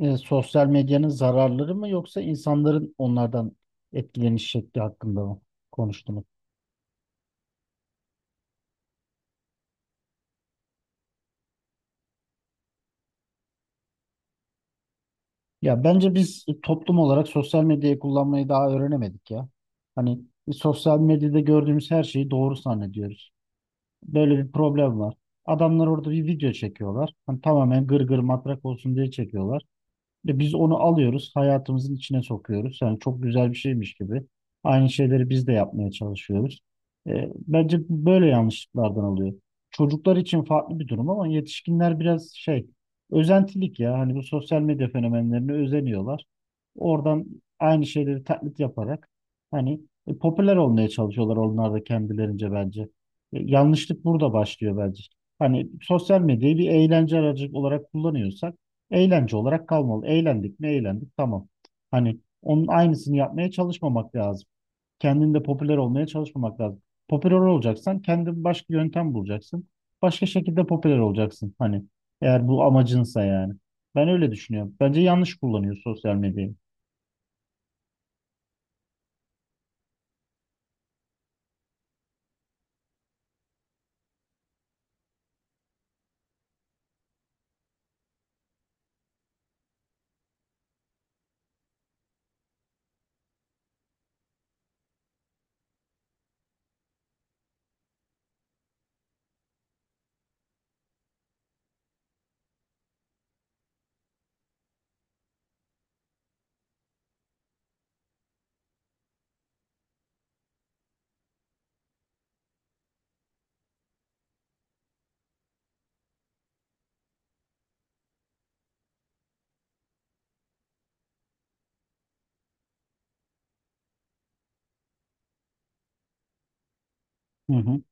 Sosyal medyanın zararları mı yoksa insanların onlardan etkileniş şekli hakkında mı konuştunuz? Ya bence biz toplum olarak sosyal medyayı kullanmayı daha öğrenemedik ya. Hani sosyal medyada gördüğümüz her şeyi doğru zannediyoruz. Böyle bir problem var. Adamlar orada bir video çekiyorlar. Hani tamamen gırgır matrak olsun diye çekiyorlar. Ve biz onu alıyoruz, hayatımızın içine sokuyoruz. Yani çok güzel bir şeymiş gibi. Aynı şeyleri biz de yapmaya çalışıyoruz. Bence böyle yanlışlıklardan oluyor. Çocuklar için farklı bir durum ama yetişkinler biraz şey, özentilik ya. Hani bu sosyal medya fenomenlerine özeniyorlar. Oradan aynı şeyleri taklit yaparak hani popüler olmaya çalışıyorlar onlar da kendilerince bence. Yanlışlık burada başlıyor bence. Hani sosyal medyayı bir eğlence aracı olarak kullanıyorsak eğlence olarak kalmalı. Eğlendik mi eğlendik tamam. Hani onun aynısını yapmaya çalışmamak lazım. Kendinde popüler olmaya çalışmamak lazım. Popüler olacaksan kendin başka yöntem bulacaksın. Başka şekilde popüler olacaksın. Hani eğer bu amacınsa yani. Ben öyle düşünüyorum. Bence yanlış kullanıyor sosyal medyayı. Hı hı.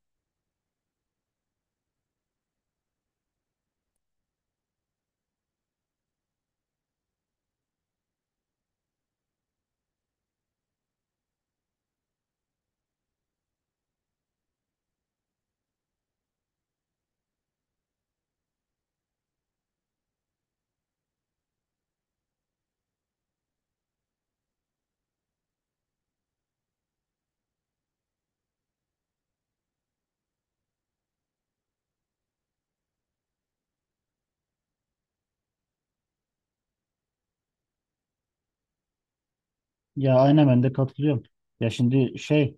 Ya aynen ben de katılıyorum. Ya şimdi şey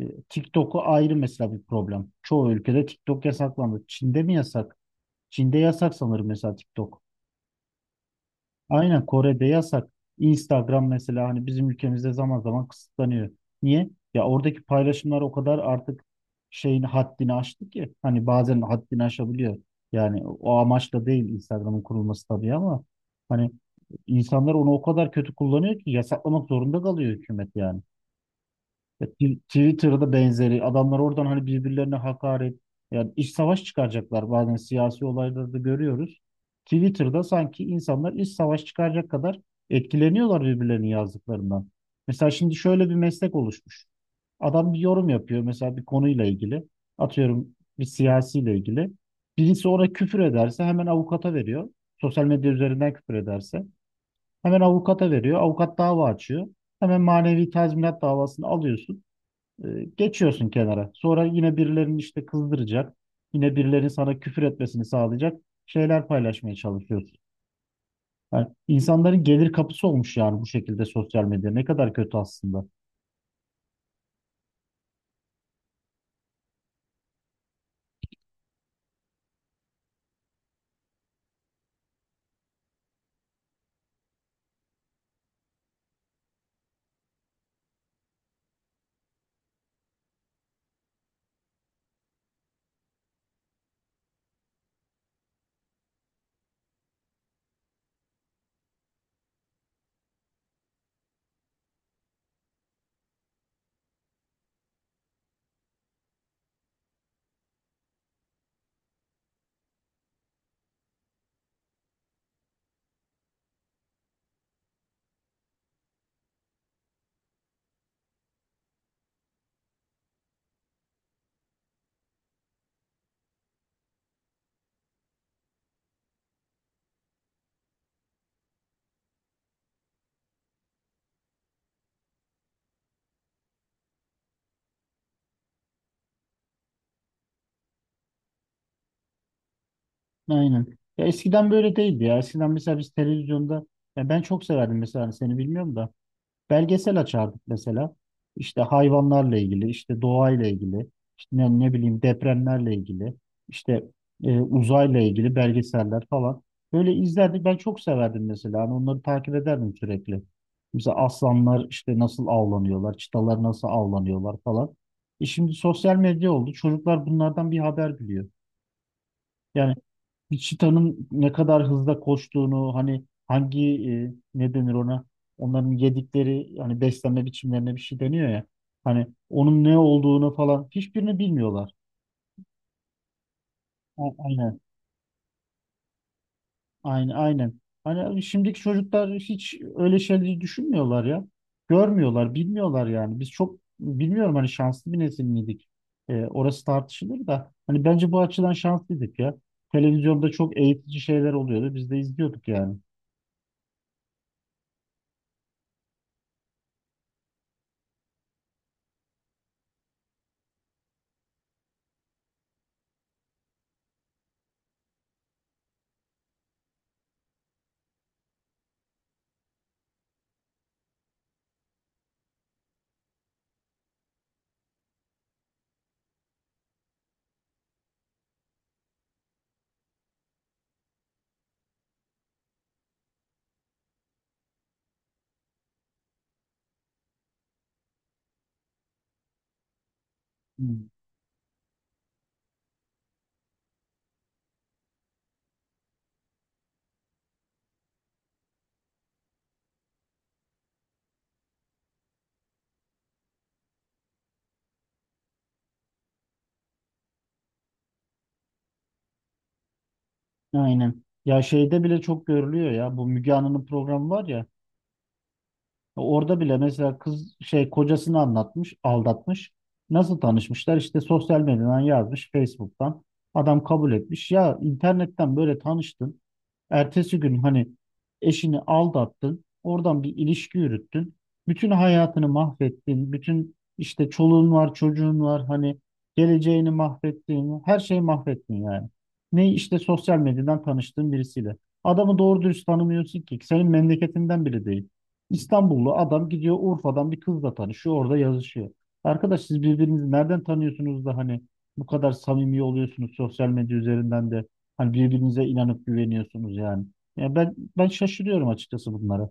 TikTok'u ayrı mesela bir problem. Çoğu ülkede TikTok yasaklandı. Çin'de mi yasak? Çin'de yasak sanırım mesela TikTok. Aynen Kore'de yasak. Instagram mesela hani bizim ülkemizde zaman zaman kısıtlanıyor. Niye? Ya oradaki paylaşımlar o kadar artık şeyin haddini aştı ki hani bazen haddini aşabiliyor. Yani o amaçla değil Instagram'ın kurulması tabii ama hani insanlar onu o kadar kötü kullanıyor ki yasaklamak zorunda kalıyor hükümet yani. Ya Twitter'da benzeri adamlar oradan hani birbirlerine hakaret, yani iç savaş çıkaracaklar, bazen siyasi olaylarda da görüyoruz. Twitter'da sanki insanlar iç savaş çıkaracak kadar etkileniyorlar birbirlerinin yazdıklarından. Mesela şimdi şöyle bir meslek oluşmuş. Adam bir yorum yapıyor mesela bir konuyla ilgili. Atıyorum bir siyasiyle ilgili. Birisi ona küfür ederse hemen avukata veriyor. Sosyal medya üzerinden küfür ederse hemen avukata veriyor. Avukat dava açıyor. Hemen manevi tazminat davasını alıyorsun. Geçiyorsun kenara. Sonra yine birilerinin işte kızdıracak, yine birilerinin sana küfür etmesini sağlayacak şeyler paylaşmaya çalışıyorsun. Yani insanların gelir kapısı olmuş yani bu şekilde sosyal medya. Ne kadar kötü aslında. Aynen. Ya eskiden böyle değildi ya. Eskiden mesela biz televizyonda, ya ben çok severdim mesela hani seni bilmiyorum da, belgesel açardık mesela. İşte hayvanlarla ilgili, işte doğayla ilgili, işte ne, ne bileyim depremlerle ilgili, işte uzayla ilgili belgeseller falan. Böyle izlerdik. Ben çok severdim mesela. Hani onları takip ederdim sürekli. Mesela aslanlar işte nasıl avlanıyorlar, çitalar nasıl avlanıyorlar falan. E şimdi sosyal medya oldu. Çocuklar bunlardan bir haber biliyor. Yani Cheetah'nın ne kadar hızla koştuğunu, hani hangi ne denir ona, onların yedikleri hani beslenme biçimlerine bir şey deniyor ya, hani onun ne olduğunu falan hiçbirini bilmiyorlar. Aynen. Aynen aynen. Hani şimdiki çocuklar hiç öyle şeyleri düşünmüyorlar ya. Görmüyorlar, bilmiyorlar yani. Biz çok bilmiyorum, hani şanslı bir nesil miydik? Orası tartışılır da hani bence bu açıdan şanslıydık ya. Televizyonda çok eğitici şeyler oluyordu. Biz de izliyorduk yani. Hı. Aynen. Ya şeyde bile çok görülüyor ya. Bu Müge Anlı'nın programı var ya. Orada bile mesela kız şey kocasını anlatmış, aldatmış. Nasıl tanışmışlar? İşte sosyal medyadan yazmış, Facebook'tan. Adam kabul etmiş. Ya internetten böyle tanıştın. Ertesi gün hani eşini aldattın, oradan bir ilişki yürüttün, bütün hayatını mahvettin, bütün işte çoluğun var, çocuğun var, hani geleceğini mahvettin, her şeyi mahvettin yani. Ne, işte sosyal medyadan tanıştığın birisiyle. Adamı doğru dürüst tanımıyorsun ki, senin memleketinden biri değil. İstanbullu adam gidiyor Urfa'dan bir kızla tanışıyor, orada yazışıyor. Arkadaş, siz birbirinizi nereden tanıyorsunuz da hani bu kadar samimi oluyorsunuz sosyal medya üzerinden de, hani birbirinize inanıp güveniyorsunuz yani. Ya ben şaşırıyorum açıkçası bunlara.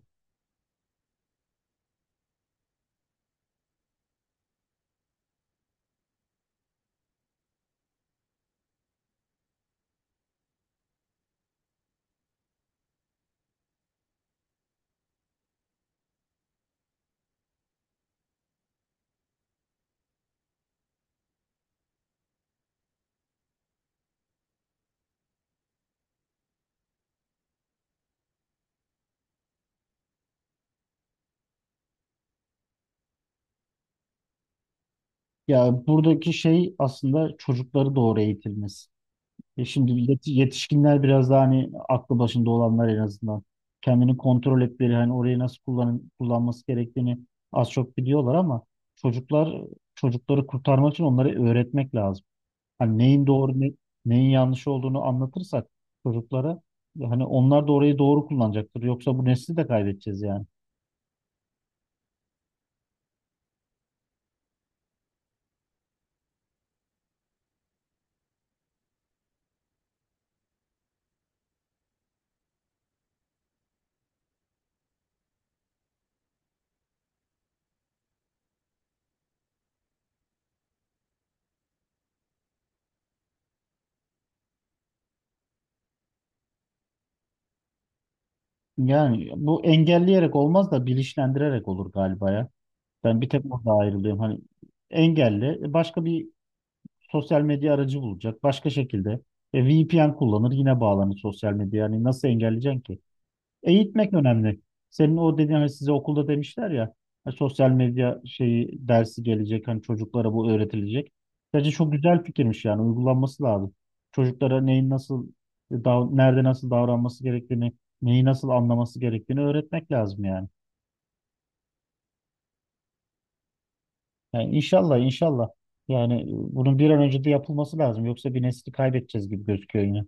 Ya buradaki şey aslında çocukları doğru eğitilmesi. E şimdi yetişkinler biraz daha hani aklı başında olanlar en azından kendini kontrol etmeleri, hani orayı nasıl kullanın, kullanması gerektiğini az çok biliyorlar ama çocuklar, çocukları kurtarmak için onları öğretmek lazım. Hani neyin doğru ne, neyin yanlış olduğunu anlatırsak çocuklara, hani onlar da orayı doğru kullanacaktır. Yoksa bu nesli de kaybedeceğiz yani. Yani bu engelleyerek olmaz da bilinçlendirerek olur galiba ya. Ben bir tek orada ayrılıyorum. Hani engelli başka bir sosyal medya aracı bulacak. Başka şekilde VPN kullanır yine bağlanır sosyal medya. Yani nasıl engelleyeceksin ki? Eğitmek önemli. Senin o dediğin hani size okulda demişler ya, hani sosyal medya şeyi dersi gelecek, hani çocuklara bu öğretilecek. Bence çok güzel fikirmiş, yani uygulanması lazım. Çocuklara neyin nasıl nerede nasıl davranması gerektiğini, neyi nasıl anlaması gerektiğini öğretmek lazım yani. Yani inşallah inşallah, yani bunun bir an önce de yapılması lazım, yoksa bir nesli kaybedeceğiz gibi gözüküyor yine.